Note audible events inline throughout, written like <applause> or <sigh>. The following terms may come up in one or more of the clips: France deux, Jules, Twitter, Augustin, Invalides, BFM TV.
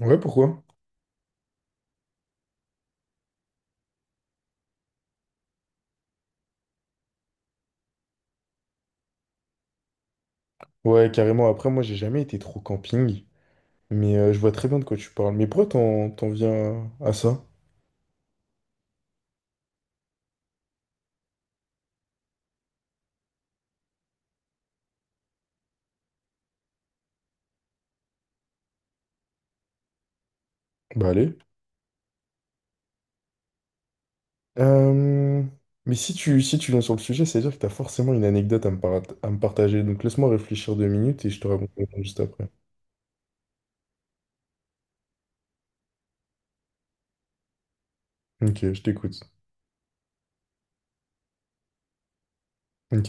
Ouais, pourquoi? Ouais, carrément. Après, moi, j'ai jamais été trop camping, mais je vois très bien de quoi tu parles. Mais pourquoi t'en viens à ça? Bah, allez. Euh, Mais si tu viens sur le sujet, c'est-à-dire que t'as forcément une anecdote à à me partager. Donc, laisse-moi réfléchir 2 minutes et je te raconte juste après. Ok, je t'écoute. Ok,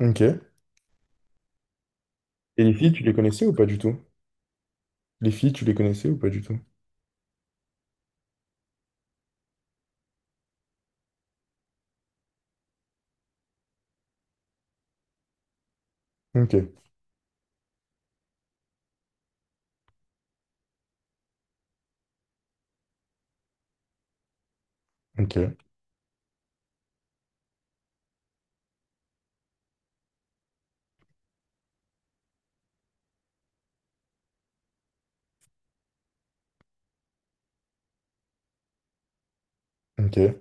ok. Et les filles, tu les connaissais ou pas du tout? Les filles, tu les connaissais ou pas du tout? Ok, ok, ok.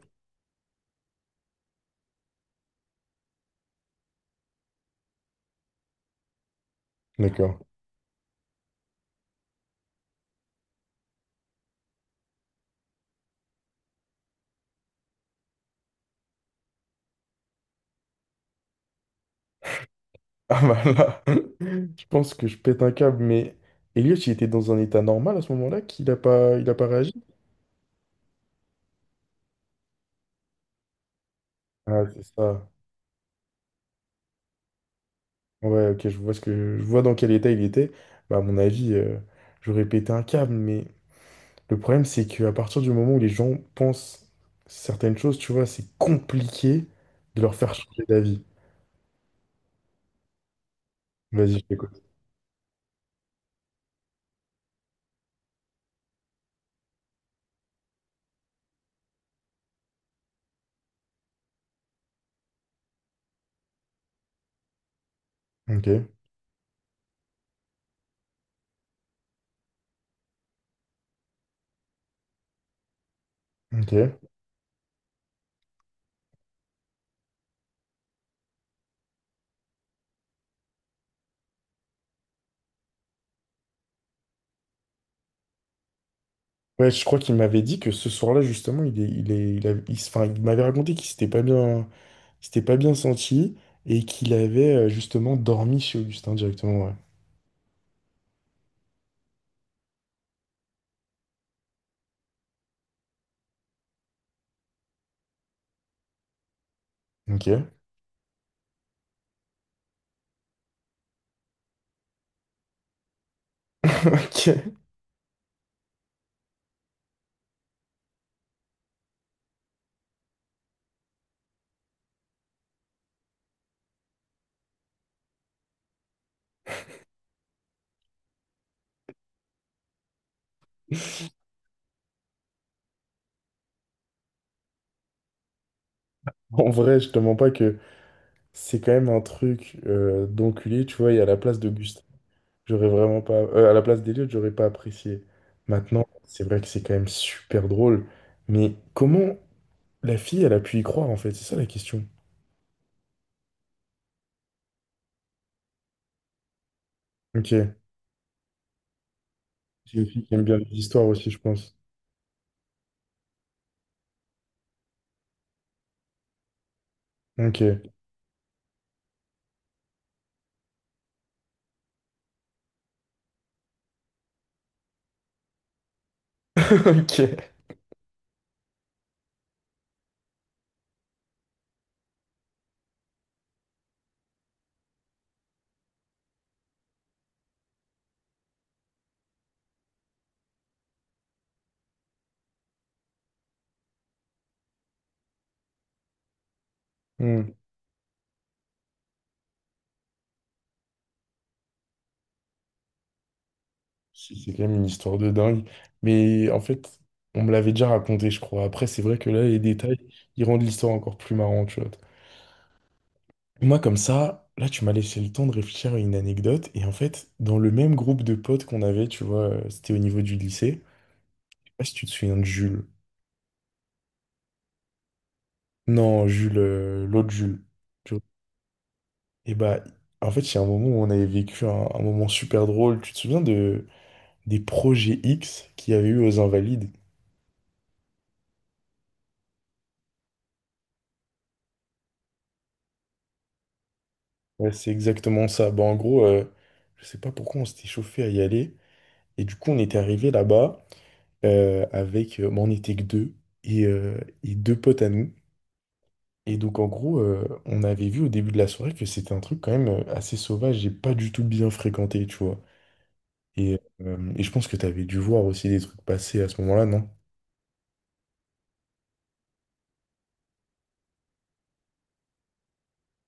D'accord. <laughs> Ah bah là, <laughs> je pense que je pète un câble, mais Elliot, il était dans un état normal à ce moment-là, qu'il a pas, il a pas réagi? Ah, c'est ça. Ouais, ok, je vois dans quel état il était. Bah, à mon avis, j'aurais pété un câble, mais le problème, c'est qu'à partir du moment où les gens pensent certaines choses, tu vois, c'est compliqué de leur faire changer d'avis. Vas-y, je t'écoute. Ok, ok. Ouais, je crois qu'il m'avait dit que ce soir-là, justement, il est, il est, il a- il s- enfin, il m'avait raconté qu'il s'était pas bien senti et qu'il avait justement dormi chez Augustin directement, ouais. Ok. <laughs> Ok. En vrai, je te mens pas que c'est quand même un truc d'enculé, tu vois, et à la place d'Eliott, j'aurais pas apprécié. Maintenant, c'est vrai que c'est quand même super drôle, mais comment la fille, elle a pu y croire, en fait? C'est ça la question. Ok. C'est une fille qui aime bien les histoires aussi, je pense. Ok. <laughs> Ok. Hmm. C'est quand même une histoire de dingue. Mais en fait, on me l'avait déjà raconté, je crois. Après, c'est vrai que là, les détails, ils rendent l'histoire encore plus marrante, tu vois. Moi, comme ça, là, tu m'as laissé le temps de réfléchir à une anecdote. Et en fait, dans le même groupe de potes qu'on avait, tu vois, c'était au niveau du lycée. Je sais pas si tu te souviens de Jules. Non, Jules, l'autre Jules. Tu vois. Et bah, en fait, il y a un moment où on avait vécu un moment super drôle. Tu te souviens des projets X qu'il y avait eu aux Invalides? Ouais, c'est exactement ça. Bah, en gros, je sais pas pourquoi on s'était chauffé à y aller. Et du coup, on était arrivé là-bas avec. Bah, on était que deux et, et deux potes à nous. Et donc, en gros, on avait vu au début de la soirée que c'était un truc quand même assez sauvage et pas du tout bien fréquenté, tu vois. Et je pense que tu avais dû voir aussi des trucs passer à ce moment-là, non?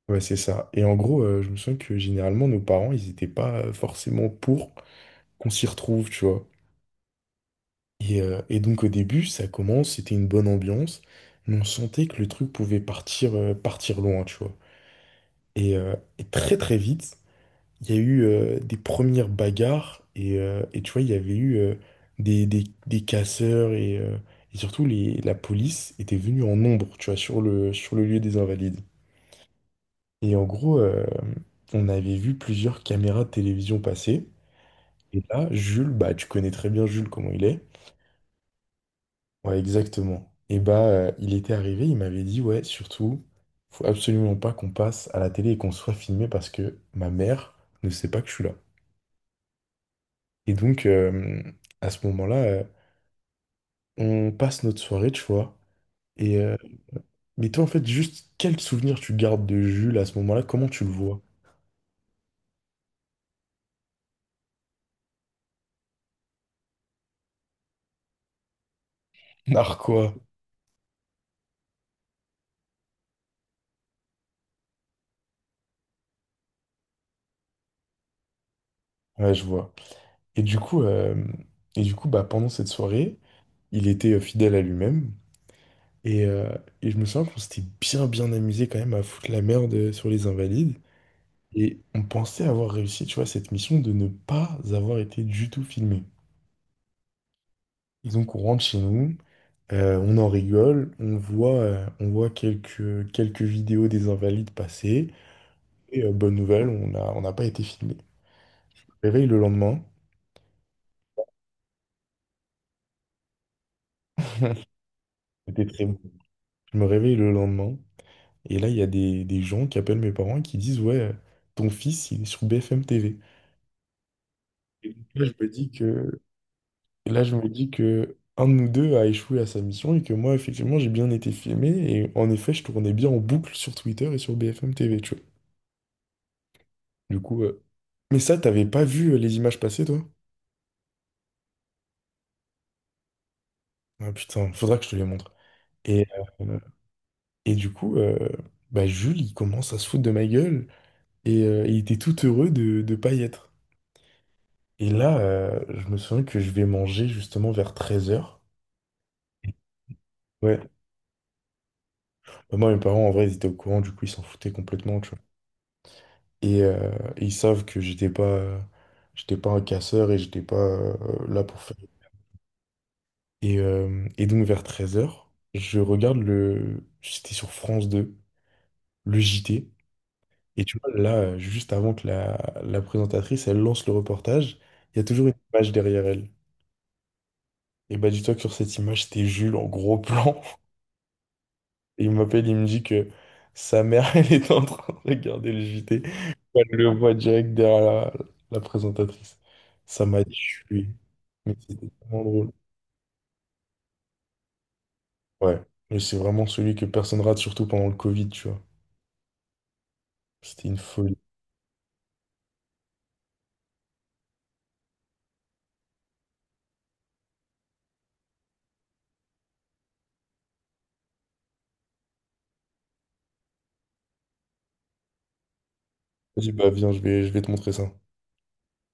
Ouais, c'est ça. Et en gros, je me souviens que généralement, nos parents, ils étaient pas forcément pour qu'on s'y retrouve, tu vois. Et donc au début, ça commence, c'était une bonne ambiance, mais on sentait que le truc pouvait partir loin, tu vois. Et très très vite, il y a eu des premières bagarres, et, et tu vois, il y avait eu des casseurs, et, et surtout la police était venue en nombre, tu vois, sur le lieu des Invalides. Et en gros, on avait vu plusieurs caméras de télévision passer, et là, Jules, bah tu connais très bien Jules comment il est. Ouais, exactement. Et bah, il était arrivé, il m'avait dit, ouais, surtout, faut absolument pas qu'on passe à la télé et qu'on <laughs> soit filmé parce que ma mère ne sait pas que je suis là. Et donc, à ce moment-là, on passe notre soirée, tu vois. Et euh, mais toi, en fait, juste quel souvenir tu gardes de Jules à ce moment-là? Comment tu le vois? Narquois. Ouais, je vois. Et du coup, euh, et du coup, bah, pendant cette soirée, il était fidèle à lui-même. Et, euh, et je me souviens qu'on s'était bien bien amusé quand même à foutre la merde sur les Invalides. Et on pensait avoir réussi, tu vois, cette mission de ne pas avoir été du tout filmé. Et donc on rentre chez nous, on en rigole, on voit quelques vidéos des Invalides passer. Bonne nouvelle, on n'a pas été filmé. Je me réveille le lendemain, c'était très bon. Je me réveille le lendemain, et là il y a des gens qui appellent mes parents et qui disent, ouais, ton fils, il est sur BFM TV. Et donc là, je me dis que Et là, je me dis que un de nous deux a échoué à sa mission et que moi, effectivement, j'ai bien été filmé. Et en effet, je tournais bien en boucle sur Twitter et sur BFM TV, tu vois. Du coup, mais ça, t'avais pas vu les images passer, toi? Ah putain, faudra que je te les montre. Et, euh, et du coup, bah, Jules, il commence à se foutre de ma gueule et il était tout heureux de ne pas y être. Et là, je me souviens que je vais manger justement vers 13 heures. Ouais. Bah, moi, mes parents, en vrai, ils étaient au courant, du coup, ils s'en foutaient complètement, tu vois. Et, euh, et ils savent que j'étais pas un casseur et j'étais pas là pour faire. Et donc vers 13 heures je regarde le. C'était sur France 2, le JT. Et tu vois, là, juste avant que la présentatrice, elle lance le reportage, il y a toujours une image derrière elle. Et bah dis-toi que sur cette image, c'était Jules en gros <laughs> plan. Et il m'appelle, il me dit que sa mère, <laughs> elle est en train de regarder le JT. Elle le voit direct derrière la présentatrice. Ça m'a tué. Mais c'était vraiment drôle. Ouais, mais c'est vraiment celui que personne rate, surtout pendant le Covid, tu vois. C'était une folie. Vas-y, bah viens, je vais te montrer ça.